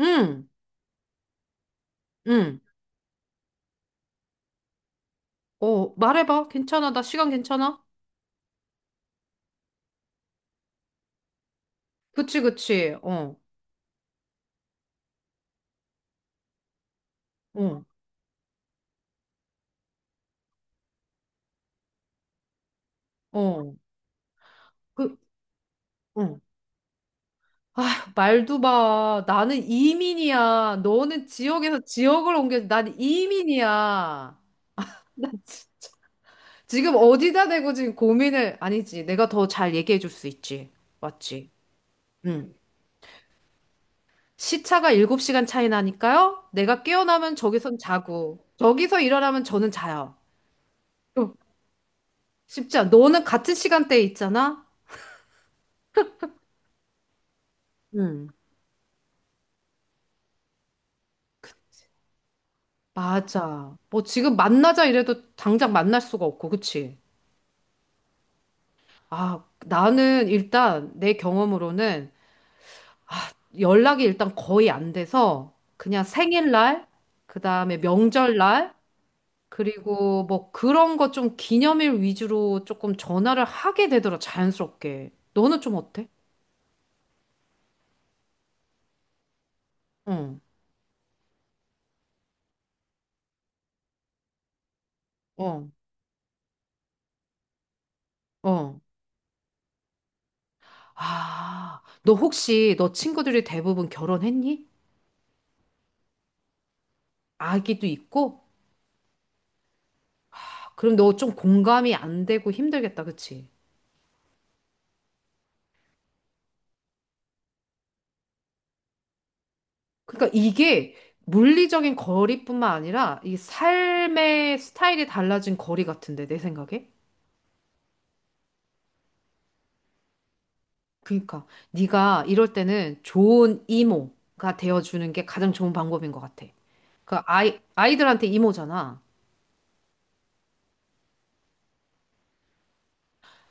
응, 응. 어, 말해봐. 괜찮아. 나 시간 괜찮아? 그치, 그치. 어, 어. 그, 어. 말도 봐. 나는 이민이야. 너는 지역에서 지역을 옮겨. 난 이민이야. 지금 어디다 대고 지금 고민을, 아니지. 내가 더 잘 얘기해 줄 수 있지. 맞지? 응. 시차가 7시간 차이 나니까요. 내가 깨어나면 저기선 자고, 저기서 일어나면 저는 자요. 어, 쉽지 않아. 너는 같은 시간대에 있잖아? 응. 맞아. 뭐 지금 만나자 이래도 당장 만날 수가 없고, 그치? 아, 나는 일단 내 경험으로는 연락이 일단 거의 안 돼서 그냥 생일날, 그다음에 명절날, 그리고 뭐 그런 거 좀 기념일 위주로 조금 전화를 하게 되더라, 자연스럽게. 너는 좀 어때? 응, 어, 어. 아, 너 혹시 너 친구들이 대부분 결혼했니? 아기도 있고? 그럼 너 좀 공감이 안 되고 힘들겠다, 그치? 그러니까 이게 물리적인 거리뿐만 아니라 이 삶의 스타일이 달라진 거리 같은데 내 생각에. 그러니까 네가 이럴 때는 좋은 이모가 되어주는 게 가장 좋은 방법인 것 같아. 그러니까 아이들한테 이모잖아.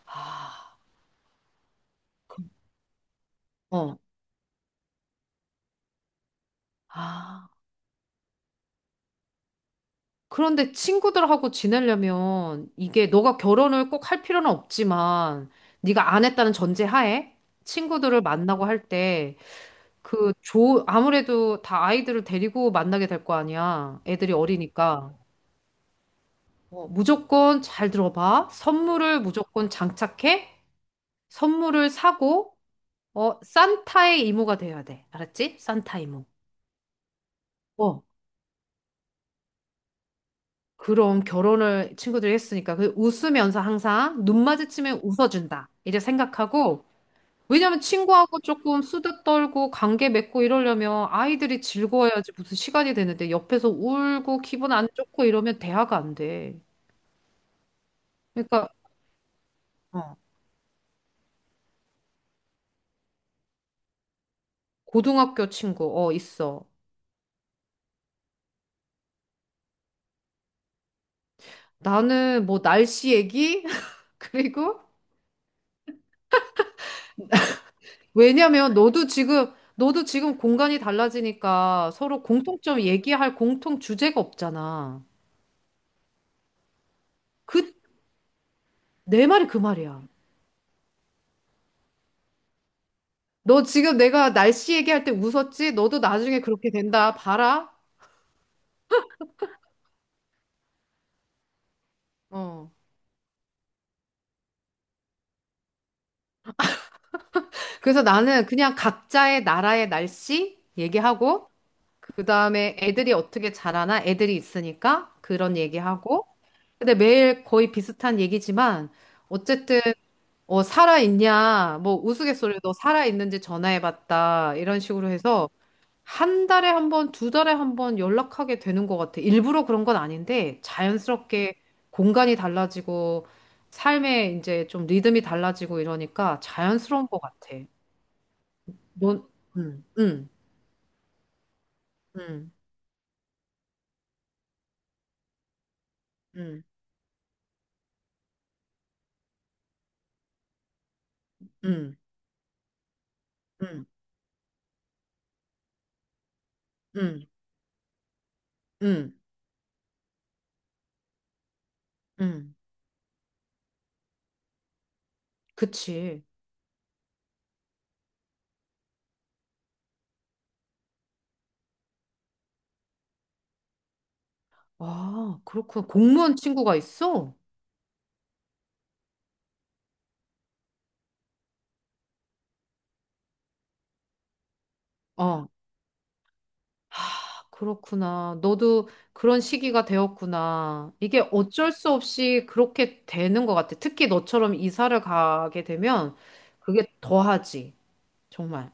아, 어, 아. 그런데 친구들하고 지내려면 이게 너가 결혼을 꼭 할 필요는 없지만 네가 안 했다는 전제 하에 친구들을 만나고 할 때. 그 조, 아무래도 다 아이들을 데리고 만나게 될 거 아니야. 애들이 어리니까. 어, 무조건 잘 들어봐. 선물을 무조건 장착해. 선물을 사고, 어, 산타의 이모가 돼야 돼. 알았지? 산타 이모. 어, 그럼 결혼을 친구들이 했으니까. 그 웃으면서 항상 눈 마주치면 웃어준다. 이제 생각하고, 왜냐면 친구하고 조금 수다 떨고 관계 맺고 이러려면 아이들이 즐거워야지 무슨 시간이 되는데 옆에서 울고 기분 안 좋고 이러면 대화가 안 돼. 그러니까 고등학교 친구 어 있어. 나는 뭐 날씨 얘기? 그리고 왜냐면 너도 지금 공간이 달라지니까 서로 공통점 얘기할 공통 주제가 없잖아. 그 내 말이 그 말이야. 너 지금 내가 날씨 얘기할 때 웃었지? 너도 나중에 그렇게 된다. 봐라. 어. 그래서 나는 그냥 각자의 나라의 날씨 얘기하고, 그 다음에 애들이 어떻게 자라나 애들이 있으니까 그런 얘기하고, 근데 매일 거의 비슷한 얘기지만, 어쨌든, 어, 살아있냐, 뭐 우스갯소리로 살아있는지 전화해봤다, 이런 식으로 해서, 한 달에 한 번, 두 달에 한 번 연락하게 되는 것 같아. 일부러 그런 건 아닌데, 자연스럽게 공간이 달라지고, 삶의 이제 좀 리듬이 달라지고 이러니까 자연스러운 것 같아. 넌, 응, 응, 응, 응, 응, 응, 응, 응, 응. 그치. 아, 그렇구나. 공무원 친구가 있어? 어, 아, 그렇구나. 너도 그런 시기가 되었구나. 이게 어쩔 수 없이 그렇게 되는 것 같아. 특히 너처럼 이사를 가게 되면 그게 더하지. 정말.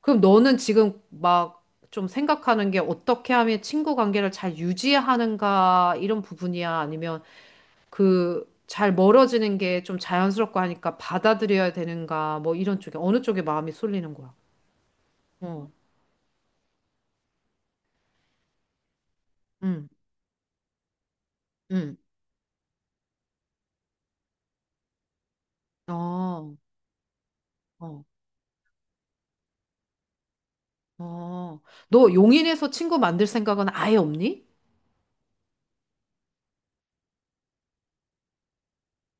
그럼 너는 지금 막 좀 생각하는 게 어떻게 하면 친구 관계를 잘 유지하는가 이런 부분이야? 아니면 그 잘 멀어지는 게 좀 자연스럽고 하니까 받아들여야 되는가 뭐 이런 쪽에 어느 쪽에 마음이 쏠리는 거야. 어, 응, 응, 어, 어, 어. 너 용인에서 친구 만들 생각은 아예 없니?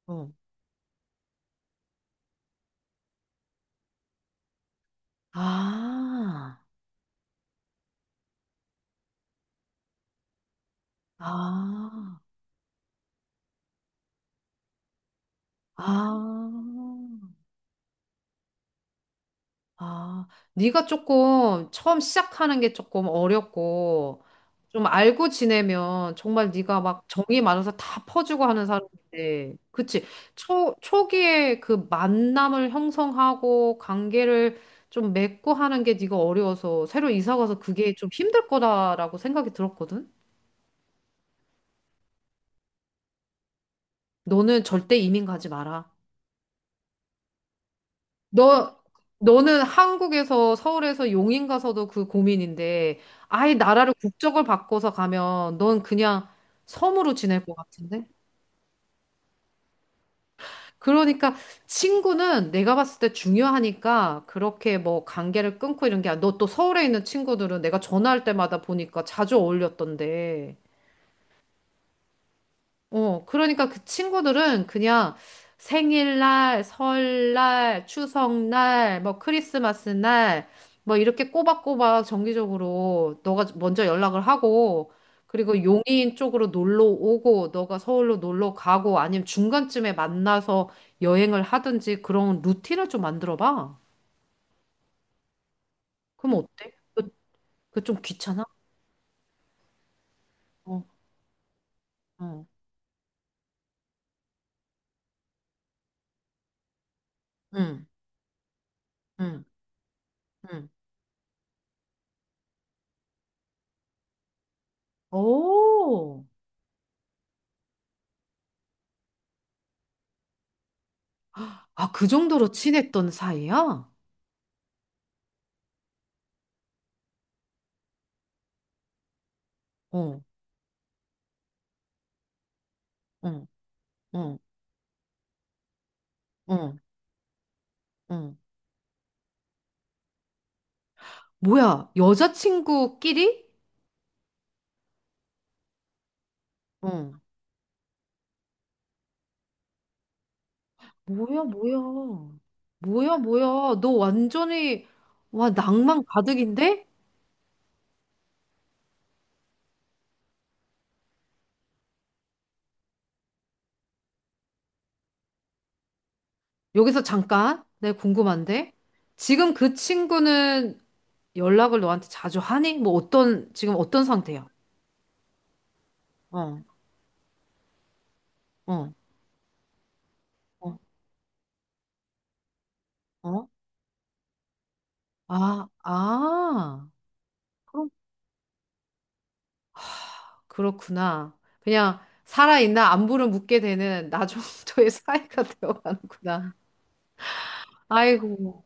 어. 아, 아, 아. 아, 네가 조금 처음 시작하는 게 조금 어렵고 좀 알고 지내면 정말 네가 막 정이 많아서 다 퍼주고 하는 사람인데, 그치? 초 초기에 그 만남을 형성하고 관계를 좀 맺고 하는 게 네가 어려워서 새로 이사 가서 그게 좀 힘들 거다라고 생각이 들었거든. 너는 절대 이민 가지 마라. 너, 너는 한국에서, 서울에서 용인 가서도 그 고민인데, 아예 나라를 국적을 바꿔서 가면 넌 그냥 섬으로 지낼 것 같은데? 그러니까 친구는 내가 봤을 때 중요하니까 그렇게 뭐 관계를 끊고 이런 게, 너 또 서울에 있는 친구들은 내가 전화할 때마다 보니까 자주 어울렸던데. 어, 그러니까 그 친구들은 그냥 생일날, 설날, 추석날, 뭐 크리스마스 날, 뭐 이렇게 꼬박꼬박 정기적으로 너가 먼저 연락을 하고, 그리고 용인 쪽으로 놀러 오고, 너가 서울로 놀러 가고, 아니면 중간쯤에 만나서 여행을 하든지 그런 루틴을 좀 만들어 봐. 그럼 어때? 그, 그 좀 귀찮아? 어, 어, 응, 응, 응. 오, 아, 그 정도로 친했던 사이야? 어. 응, 응, 응, 응, 뭐야, 여자친구끼리? 응. 뭐야, 뭐야. 뭐야, 뭐야. 너 완전히, 와, 낭만 가득인데? 여기서 잠깐, 내가 궁금한데? 지금 그 친구는 연락을 너한테 자주 하니? 뭐 어떤, 지금 어떤 상태야? 어, 어, 어, 어. 아, 아, 그럼, 그렇구나. 그냥 살아있나 안부를 묻게 되는 나 정도의 사이가 되어가는구나. 아이고,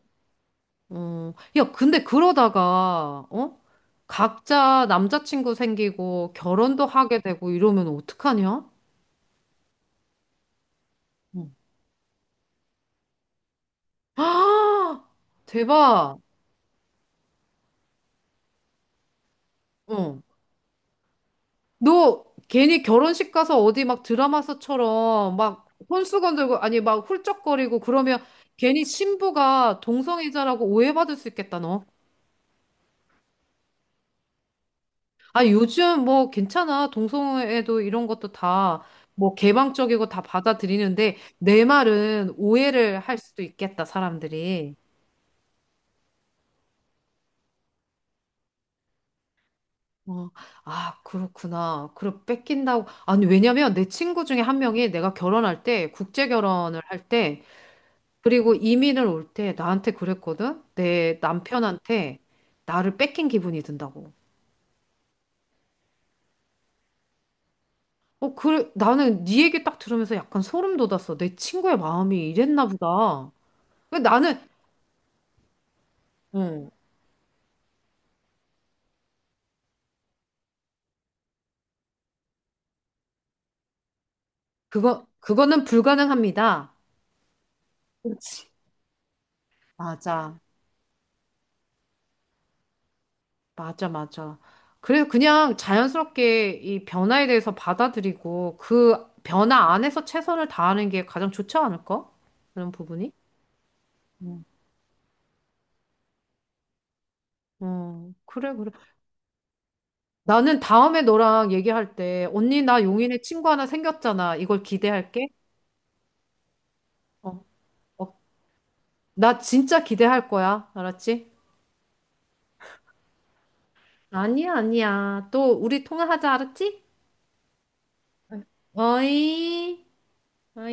어, 야, 근데 그러다가, 어? 각자 남자친구 생기고 결혼도 하게 되고 이러면 어떡하냐? 응. 아, 대박. 어. 너 괜히 결혼식 가서 어디 막 드라마서처럼 막 혼수건 들고, 아니, 막 훌쩍거리고 그러면 괜히 신부가 동성애자라고 오해받을 수 있겠다, 너. 아, 요즘 뭐 괜찮아. 동성애도 이런 것도 다 뭐 개방적이고 다 받아들이는데 내 말은 오해를 할 수도 있겠다, 사람들이. 어, 아, 그렇구나. 그럼 뺏긴다고. 아니, 왜냐면 내 친구 중에 한 명이 내가 결혼할 때, 국제 결혼을 할 때, 그리고 이민을 올 때 나한테 그랬거든? 내 남편한테 나를 뺏긴 기분이 든다고. 어, 그래. 나는 네 얘기 딱 들으면서 약간 소름 돋았어. 내 친구의 마음이 이랬나 보다. 근데 나는 어. 그거는 불가능합니다. 그렇지. 맞아. 맞아, 맞아. 그래서 그냥 자연스럽게 이 변화에 대해서 받아들이고 그 변화 안에서 최선을 다하는 게 가장 좋지 않을까? 그런 부분이? 어, 그래, 그래. 나는 다음에 너랑 얘기할 때, 언니, 나 용인에 친구 하나 생겼잖아. 이걸 기대할게. 어, 어, 나 진짜 기대할 거야. 알았지? 아니야, 아니야. 또 우리 통화하자. 알았지? 어이. 응.